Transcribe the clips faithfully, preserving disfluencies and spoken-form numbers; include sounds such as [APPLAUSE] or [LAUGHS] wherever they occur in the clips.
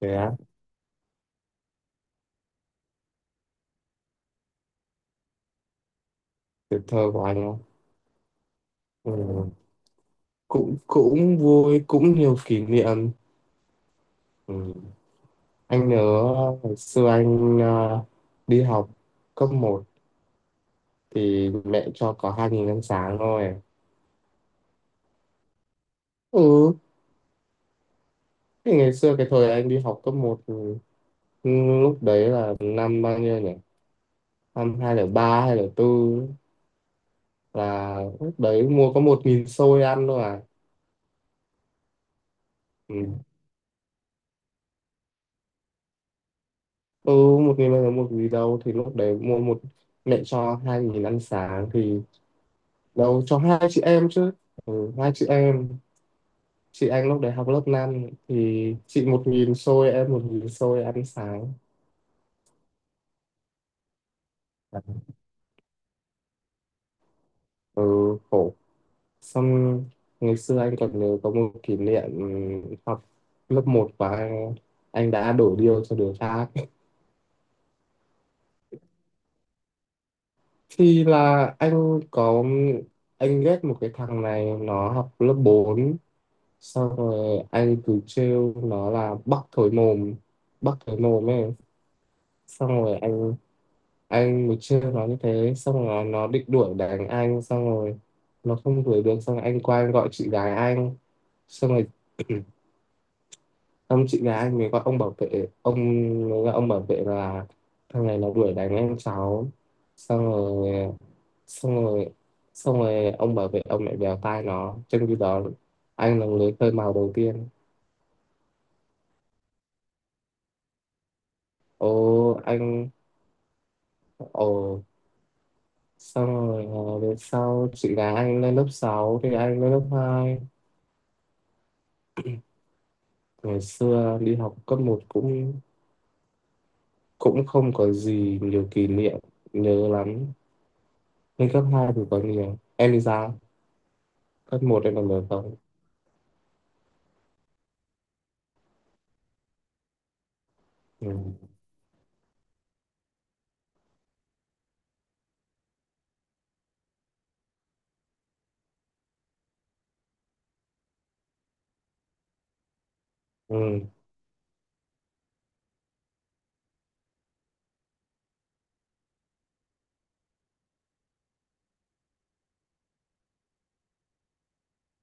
Thế á, tuổi thơ của anh á. Ừ. Cũng cũng vui, cũng nhiều kỷ niệm. Ừ. Anh nhớ hồi xưa anh à, đi học cấp một thì mẹ cho có hai nghìn ăn sáng thôi. Ừ, thì ngày xưa cái thời anh đi học cấp một ừ, lúc đấy là năm bao nhiêu nhỉ? Năm hai không không ba, hai nghìn không trăm linh tư là lúc đấy mua có một nghìn xôi ăn thôi à. Ừ, ừ, một nghìn bao giờ một gì đâu, thì lúc đấy mua một, mẹ cho hai nghìn ăn sáng thì nấu cho hai chị em chứ. Ừ, hai chị em, chị Anh lúc đấy học lớp năm thì chị một nghìn xôi em một nghìn xôi ăn sáng. Ừ, khổ. Xong ngày xưa anh còn nhớ có một kỷ niệm học lớp một và anh, anh đã đổ điêu cho đứa khác. [LAUGHS] Thì là anh có anh ghét một cái thằng này, nó học lớp bốn, xong rồi anh cứ trêu nó là bắc thối mồm, bắc thối mồm ấy. Xong rồi anh anh buổi trưa nó như thế, xong rồi nó, nó định đuổi đánh anh, xong rồi nó không đuổi được, xong rồi anh qua anh gọi chị gái anh. Xong rồi [CLEARS THROAT] ông chị gái anh mới gọi ông bảo vệ, ông mới gọi ông bảo vệ là thằng này nó đuổi đánh anh cháu. Xong rồi xong rồi xong rồi ông bảo vệ ông lại bèo tai nó, trong khi đó anh là người khơi mào đầu tiên. ô anh ồ Xong rồi, ờ, về sau chị gái anh lên lớp sáu thì anh lên lớp hai. Ngày xưa đi học cấp một cũng cũng không có gì nhiều kỷ niệm nhớ lắm. Nhưng cấp hai thì có nhiều. Em đi ra. Cấp một em còn nhớ không? Ừ. Ừ.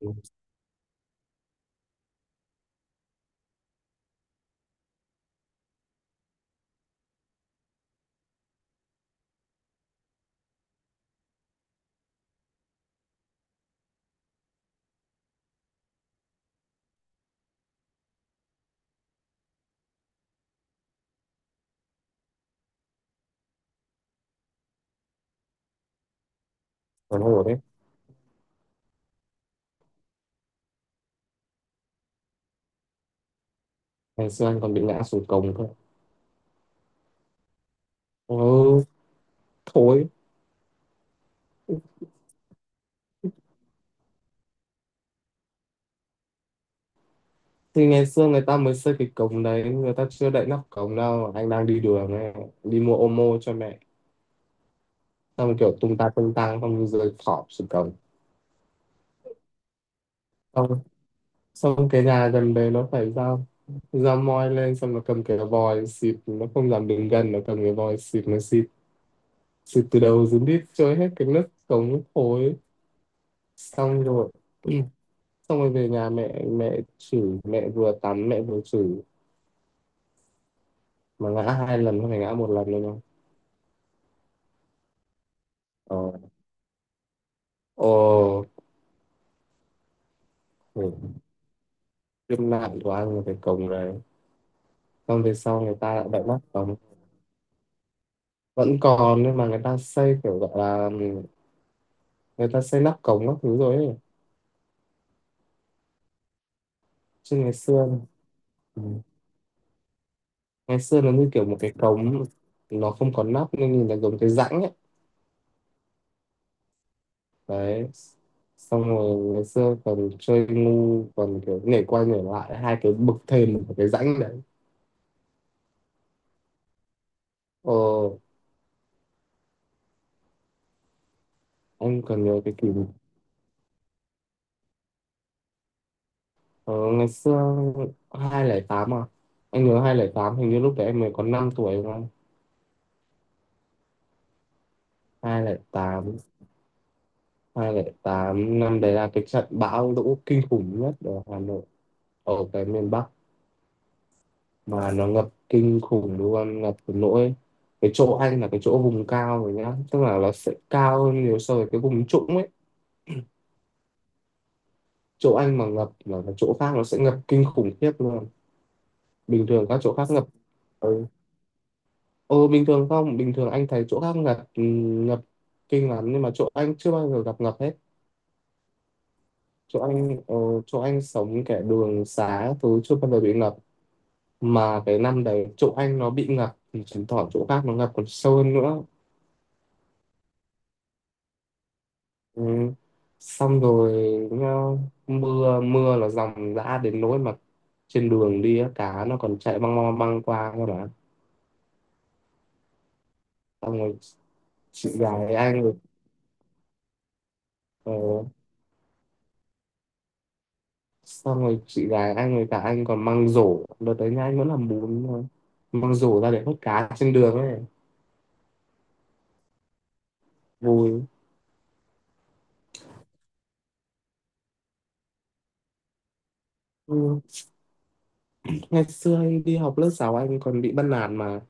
Ừ. Còn hổ đấy. Ngày xưa anh còn bị ngã xuống cổng cơ. Ừ. Thôi. Thì ngày xưa người ta mới xây cái cổng đấy. Người ta chưa đậy nắp cổng đâu. Anh đang đi đường này. Đi mua ô mô cho mẹ. Xong rồi kiểu tung ta tung tăng. Xong rồi rơi thọp xuống cổng. Xong Xong cái nhà gần đấy nó phải ra, ra moi lên, xong nó cầm cái vòi xịt, nó không dám đứng gần, nó cầm cái vòi xịt nó xịt, xịt từ đầu xuống đít trôi hết cái nước cống thối. Xong rồi [CLEARS THROAT] ừ. Xong rồi về nhà, mẹ mẹ chửi, mẹ vừa tắm mẹ vừa chửi, mà ngã hai lần không phải ngã một lần đâu nhá. ờ ồ Khổ. Kiếp nạn của anh là cái cổng đấy. Xong về sau người ta lại đậy nắp cống. Vẫn còn nhưng mà người ta xây kiểu gọi là, người ta xây nắp cống các thứ rồi ấy. Chứ ngày xưa, ừ. Ngày xưa nó như kiểu một cái cống, nó không có nắp nên nhìn là giống cái rãnh ấy. Đấy, xong rồi ngày xưa còn chơi ngu, còn kiểu nhảy qua nhảy lại hai cái bậc thềm của cái rãnh đấy. ờ anh còn nhớ cái kỷ niệm. ờ, Ngày xưa hai không không tám à, anh nhớ hai không không tám hình như lúc đấy em mới có năm tuổi đúng không. 208 tám, năm đấy là cái trận bão lũ kinh khủng nhất ở Hà Nội, ở cái miền Bắc, mà nó ngập kinh khủng luôn, ngập đến nỗi cái chỗ anh là cái chỗ vùng cao rồi nhá, tức là nó sẽ cao hơn nhiều so với cái vùng trũng ấy. Chỗ anh mà ngập là cái chỗ khác nó sẽ ngập kinh khủng khiếp luôn. Bình thường các chỗ khác ngập. Ừ. ừ bình thường, không bình thường anh thấy chỗ khác ngập, ừ, ngập kinh lắm, nhưng mà chỗ anh chưa bao giờ gặp ngập hết. Chỗ anh ờ, chỗ anh sống kẻ đường xá thứ chưa bao giờ bị ngập, mà cái năm đấy chỗ anh nó bị ngập thì chứng tỏ chỗ khác nó ngập còn sâu hơn nữa. Ừ. Xong rồi nhá, mưa mưa là dòng dã đến nỗi mà trên đường đi á, cá nó còn chạy băng băng băng qua cơ mà. Xong rồi chị gái anh rồi ờ, xong rồi chị gái anh rồi cả anh còn mang rổ đợt đấy nhá, anh vẫn làm bún thôi, mang rổ ra để hút cá trên đường ấy. Vui. Ừ. Ngày xưa anh đi học lớp sáu anh còn bị bắt nạt mà.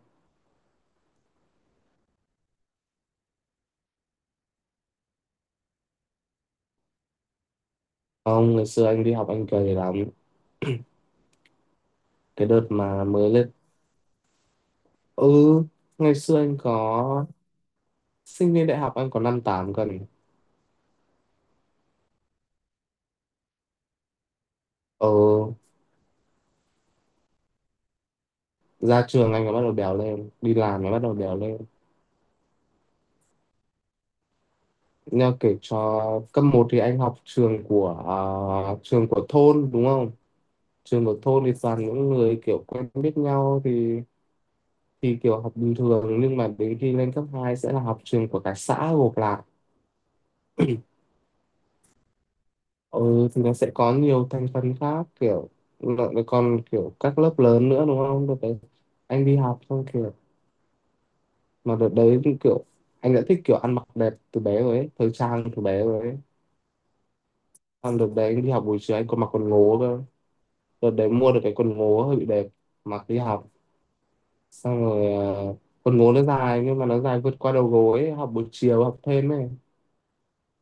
Không, ngày xưa anh đi học anh cười lắm, cái đợt mà mới lên. Ừ, ngày xưa anh có, sinh viên đại học anh có năm tám cân. ờ Ra trường anh mới bắt đầu béo lên, đi làm mới bắt đầu béo lên. Nha kể cho. Cấp một thì anh học trường của, à, trường của thôn đúng không. Trường của thôn thì toàn những người kiểu quen biết nhau, thì thì kiểu học bình thường, nhưng mà đến khi lên cấp hai sẽ là học trường của cả xã gộp lại. Ừ thì nó sẽ có nhiều thành phần khác, kiểu nó- nó còn kiểu các lớp lớn nữa đúng không. Đợt đấy anh đi học xong kiểu, mà đợt đấy thì kiểu anh đã thích kiểu ăn mặc đẹp từ bé rồi ấy, thời trang từ bé rồi ấy. Xong đợt đấy anh đi học buổi chiều anh còn mặc quần ngố cơ. Đợt đấy mua được cái quần ngố hơi bị đẹp, mặc đi học. Xong rồi ờ, quần ngố nó dài nhưng mà nó dài vượt qua đầu gối ấy. Học buổi chiều học thêm ấy,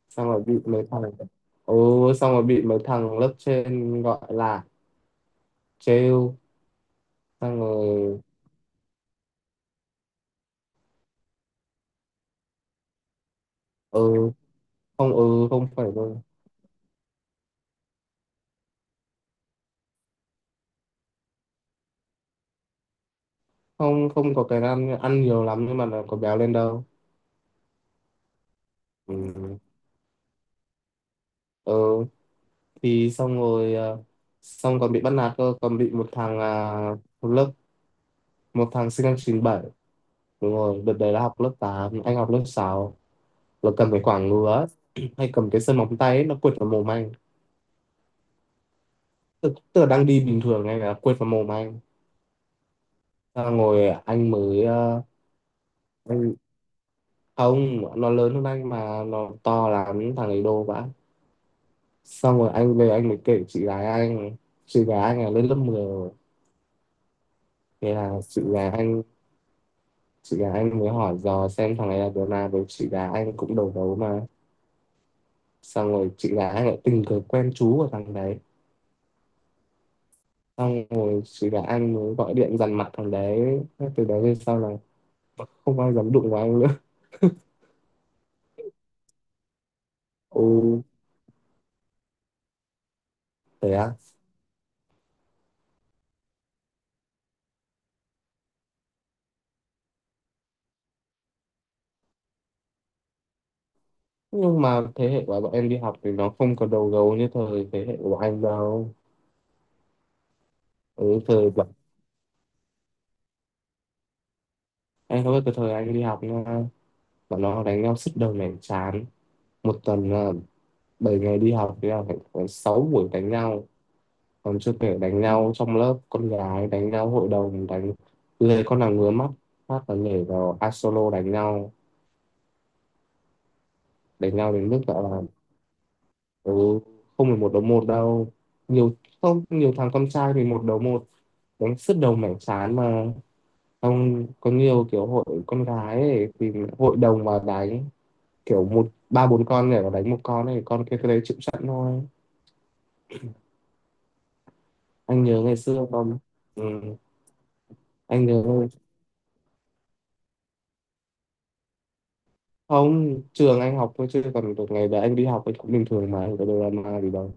xong rồi bị mấy thằng, ừ, xong rồi bị mấy thằng lớp trên gọi là trêu. Xong rồi, ừ không, ừ không phải đâu, không, không có cái ăn ăn nhiều lắm nhưng mà nó có béo lên đâu. Ừ. Ừ thì xong rồi ờ, xong còn bị bắt nạt cơ, còn bị một thằng à, một lớp, một thằng sinh năm chín bảy, đúng rồi đợt đấy là học lớp tám anh học lớp sáu, là cầm cái quảng ngứa ấy, [CLEARS THROAT] hay cầm cái sơn móng tay ấy, nó quệt vào mồm anh. Tức, tức là đang đi bình thường anh là quệt vào mồm anh. Xong rồi anh mới ờ, anh không, nó lớn hơn anh mà nó to lắm thằng ấy đô vãi. Xong rồi anh về anh mới kể chị gái anh, chị gái anh là lên lớp mười rồi. Thế là chị gái anh chị gái anh mới hỏi dò xem thằng này là đứa nào, với chị gái anh cũng đầu gấu mà. Xong rồi chị gái anh lại tình cờ quen chú của thằng đấy. Xong rồi chị gái anh mới gọi điện dằn mặt thằng đấy. Thế từ đấy về sau là không ai dám đụng vào anh nữa. [LAUGHS] ồ Thế á. Nhưng mà thế hệ của bọn em đi học thì nó không có đầu gấu như thời thế hệ của anh đâu. Ừ, thời bọn em không biết cái thời anh đi học nha, bọn nó đánh nhau sứt đầu mẻ chán. Một tuần là bảy ngày đi học thì là phải có sáu buổi đánh nhau, còn chưa kể đánh nhau trong lớp, con gái đánh nhau hội đồng đánh, lề con nào ngứa mắt phát là nhảy vào a solo đánh nhau. Đánh nhau đến mức gọi là, ừ, không phải một đấu một đâu, nhiều. Không, nhiều thằng con trai thì một đấu một, đánh sứt đầu mẻ trán mà. Không, có nhiều kiểu hội con gái ấy, thì hội đồng mà đánh, kiểu một ba bốn con nhảy vào đánh một con, này con kia cái đấy chịu sẵn thôi. Anh nhớ ngày xưa không. Ừ. Anh nhớ không, trường anh học thôi chứ còn được, ngày đấy anh đi học anh cũng bình thường mà không có drama gì đâu.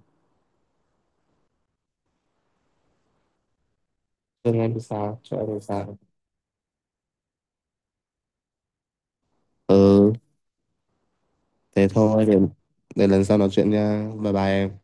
Trường em thì sao, chỗ em thì sao. Ừ, thế thôi, để, để lần sau nói chuyện nha. Bye bye em.